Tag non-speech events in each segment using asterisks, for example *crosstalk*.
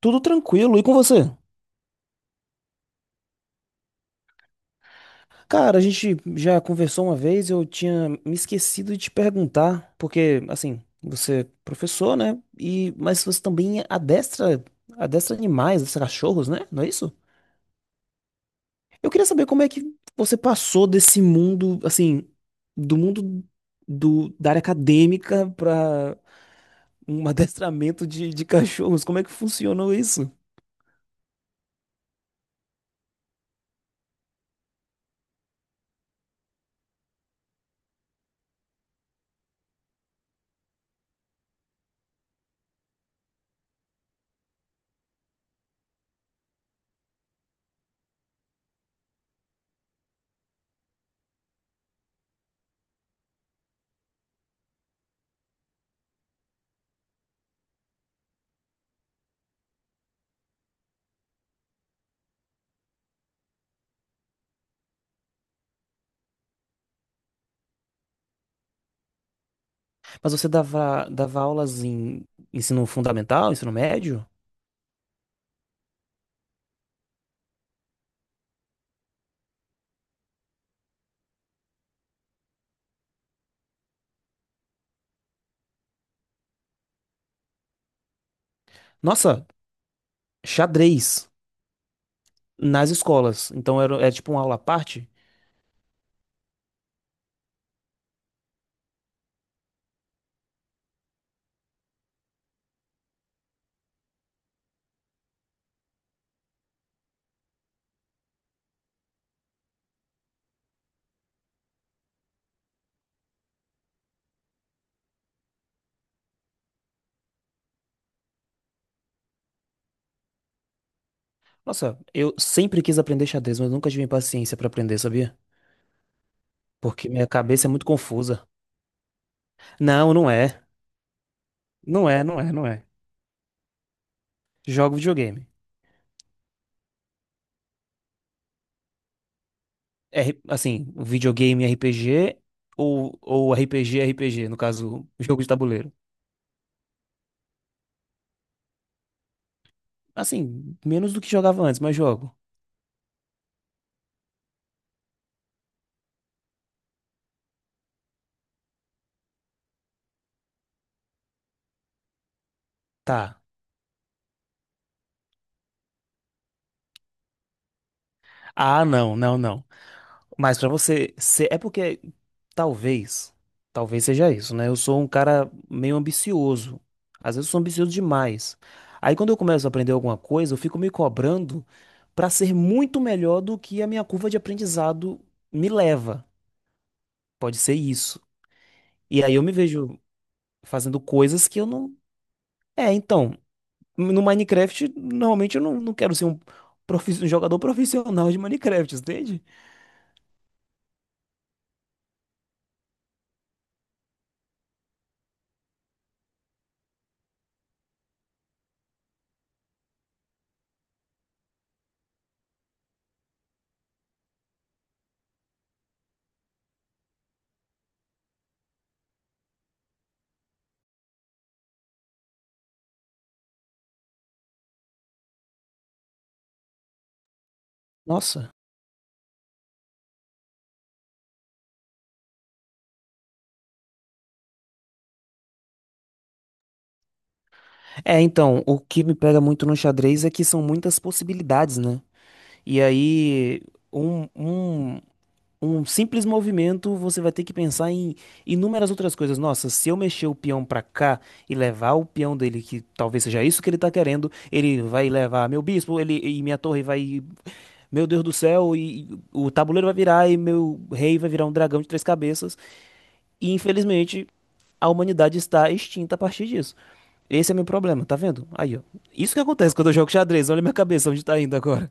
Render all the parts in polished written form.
Tudo tranquilo. E com você? Cara, a gente já conversou uma vez, eu tinha me esquecido de te perguntar, porque assim, você é professor, né? E mas você também adestra, adestra animais, adestra cachorros, né? Não é isso? Eu queria saber como é que você passou desse mundo, assim, do mundo da área acadêmica para um *laughs* adestramento de cachorros. Como é que funcionou isso? Mas você dava aulas em ensino fundamental, ensino médio? Nossa, xadrez nas escolas. Então era, era tipo uma aula à parte. Nossa, eu sempre quis aprender xadrez, mas nunca tive paciência pra aprender, sabia? Porque minha cabeça é muito confusa. Não, não é. Não é, não é, não é. Jogo videogame. Videogame RPG ou, ou RPG, no caso, jogo de tabuleiro. Assim, menos do que jogava antes, mas jogo. Tá. Ah, não, não, não. Mas pra você ser, é porque talvez, talvez seja isso, né? Eu sou um cara meio ambicioso. Às vezes eu sou ambicioso demais. Aí quando eu começo a aprender alguma coisa, eu fico me cobrando pra ser muito melhor do que a minha curva de aprendizado me leva. Pode ser isso. E aí eu me vejo fazendo coisas que eu não. É, então, no Minecraft, normalmente eu não quero ser um um jogador profissional de Minecraft, entende? Nossa. É, então, o que me pega muito no xadrez é que são muitas possibilidades, né? E aí, um, um, um simples movimento, você vai ter que pensar em inúmeras outras coisas. Nossa, se eu mexer o peão pra cá e levar o peão dele, que talvez seja isso que ele tá querendo, ele vai levar meu bispo, ele e minha torre vai. Meu Deus do céu, e o tabuleiro vai virar e meu rei vai virar um dragão de três cabeças. E infelizmente a humanidade está extinta a partir disso. Esse é meu problema, tá vendo? Aí, ó. Isso que acontece quando eu jogo xadrez. Olha minha cabeça, onde tá indo agora.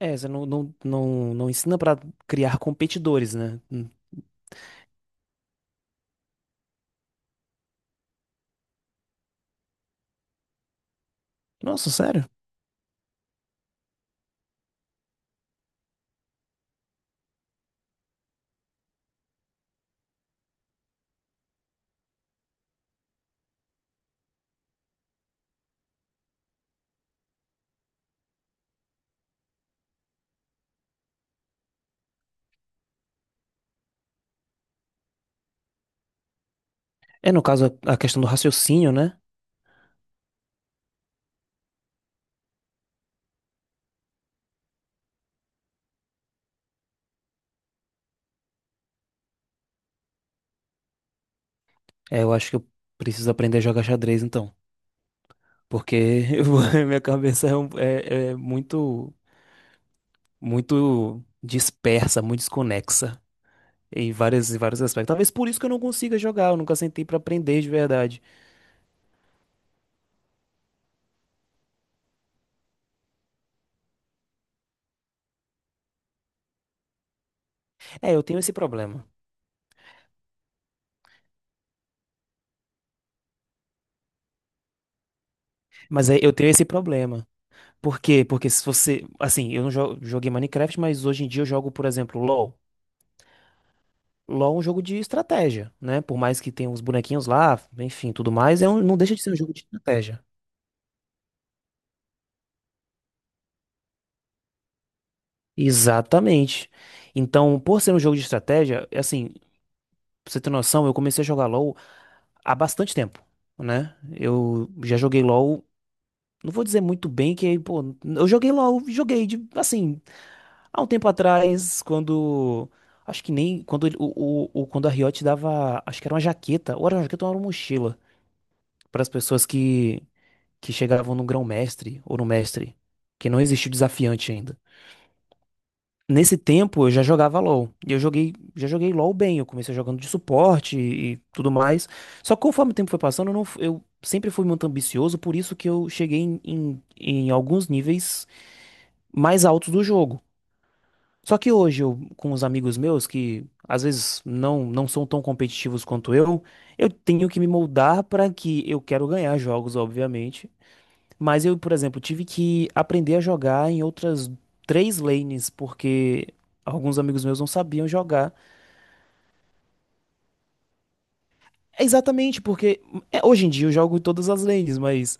É, você não ensina pra criar competidores, né? Hum. Nossa, sério? É, no caso, a questão do raciocínio, né? É, eu acho que eu preciso aprender a jogar xadrez, então. Porque *laughs* eu vou- minha cabeça é, é é muito, muito dispersa, muito desconexa. Em vários aspectos. Talvez por isso que eu não consiga jogar, eu nunca sentei pra aprender de verdade. É, eu tenho esse problema. Mas é, eu tenho esse problema. Por quê? Porque se você. Assim, eu não jo- joguei Minecraft, mas hoje em dia eu jogo, por exemplo, LoL. LoL é um jogo de estratégia, né? Por mais que tenha uns bonequinhos lá, enfim, tudo mais, é um, não deixa de ser um jogo de estratégia. Exatamente. Então, por ser um jogo de estratégia, assim, pra você ter noção, eu comecei a jogar LoL há bastante tempo, né? Eu já joguei LoL. Não vou dizer muito bem que, pô, eu joguei LOL, joguei de, assim, há um tempo atrás, quando, acho que nem, quando a Riot dava, acho que era uma jaqueta, ou era uma jaqueta ou era uma mochila, para as pessoas que chegavam no grão-mestre ou no mestre, que não existia o desafiante ainda. Nesse tempo eu já jogava LoL, e eu joguei, já joguei LoL bem, eu comecei jogando de suporte e tudo mais, só que conforme o tempo foi passando, eu, não, eu sempre fui muito ambicioso, por isso que eu cheguei em alguns níveis mais altos do jogo. Só que hoje eu, com os amigos meus que às vezes não são tão competitivos quanto eu tenho que me moldar para que eu quero ganhar jogos, obviamente. Mas eu, por exemplo, tive que aprender a jogar em outras três lanes porque alguns amigos meus não sabiam jogar. É exatamente, porque é, hoje em dia eu jogo em todas as lanes, mas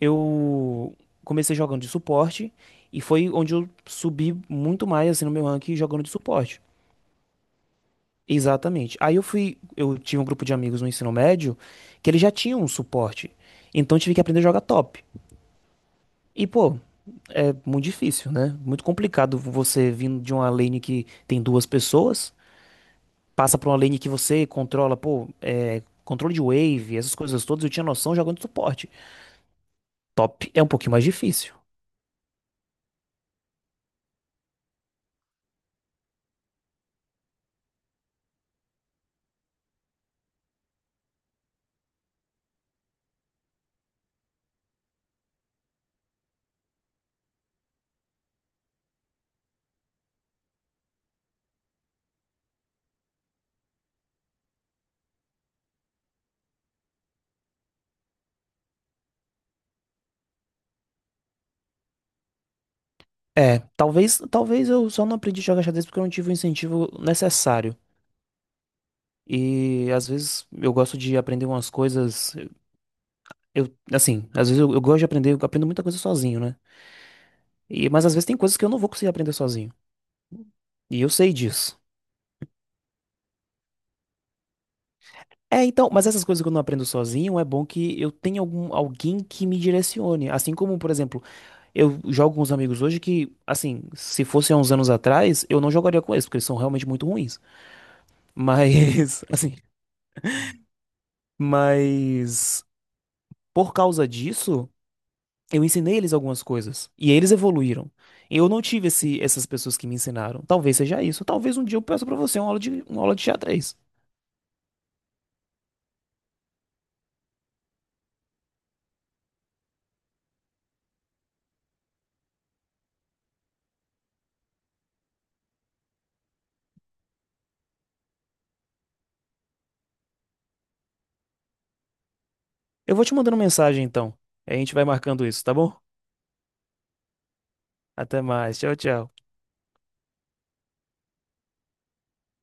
eu comecei jogando de suporte e foi onde eu subi muito mais assim no meu ranking jogando de suporte. Exatamente. Aí eu fui, eu tinha um grupo de amigos no ensino médio que eles já tinham um suporte. Então eu tive que aprender a jogar top. E pô, é muito difícil, né? Muito complicado você vindo de uma lane que tem duas pessoas, passa pra uma lane que você controla, pô, é, controle de wave, essas coisas todas, eu tinha noção jogando suporte. Top é um pouquinho mais difícil. É, talvez, talvez eu só não aprendi a jogar xadrez porque eu não tive o incentivo necessário. E às vezes eu gosto de aprender umas coisas. Eu, assim, às vezes eu gosto de aprender, eu aprendo muita coisa sozinho, né? E, mas às vezes tem coisas que eu não vou conseguir aprender sozinho. E eu sei disso. É, então, mas essas coisas que eu não aprendo sozinho, é bom que eu tenha algum, alguém que me direcione. Assim como, por exemplo, eu jogo com os amigos hoje que, assim, se fosse há uns anos atrás, eu não jogaria com eles, porque eles são realmente muito ruins. Mas, *laughs* assim, mas por causa disso. Eu ensinei eles algumas coisas e eles evoluíram. Eu não tive essas pessoas que me ensinaram. Talvez seja isso. Talvez um dia eu peça pra você uma aula de xadrez. Eu vou te mandando mensagem então. A gente vai marcando isso, tá bom? Até mais. Tchau, tchau.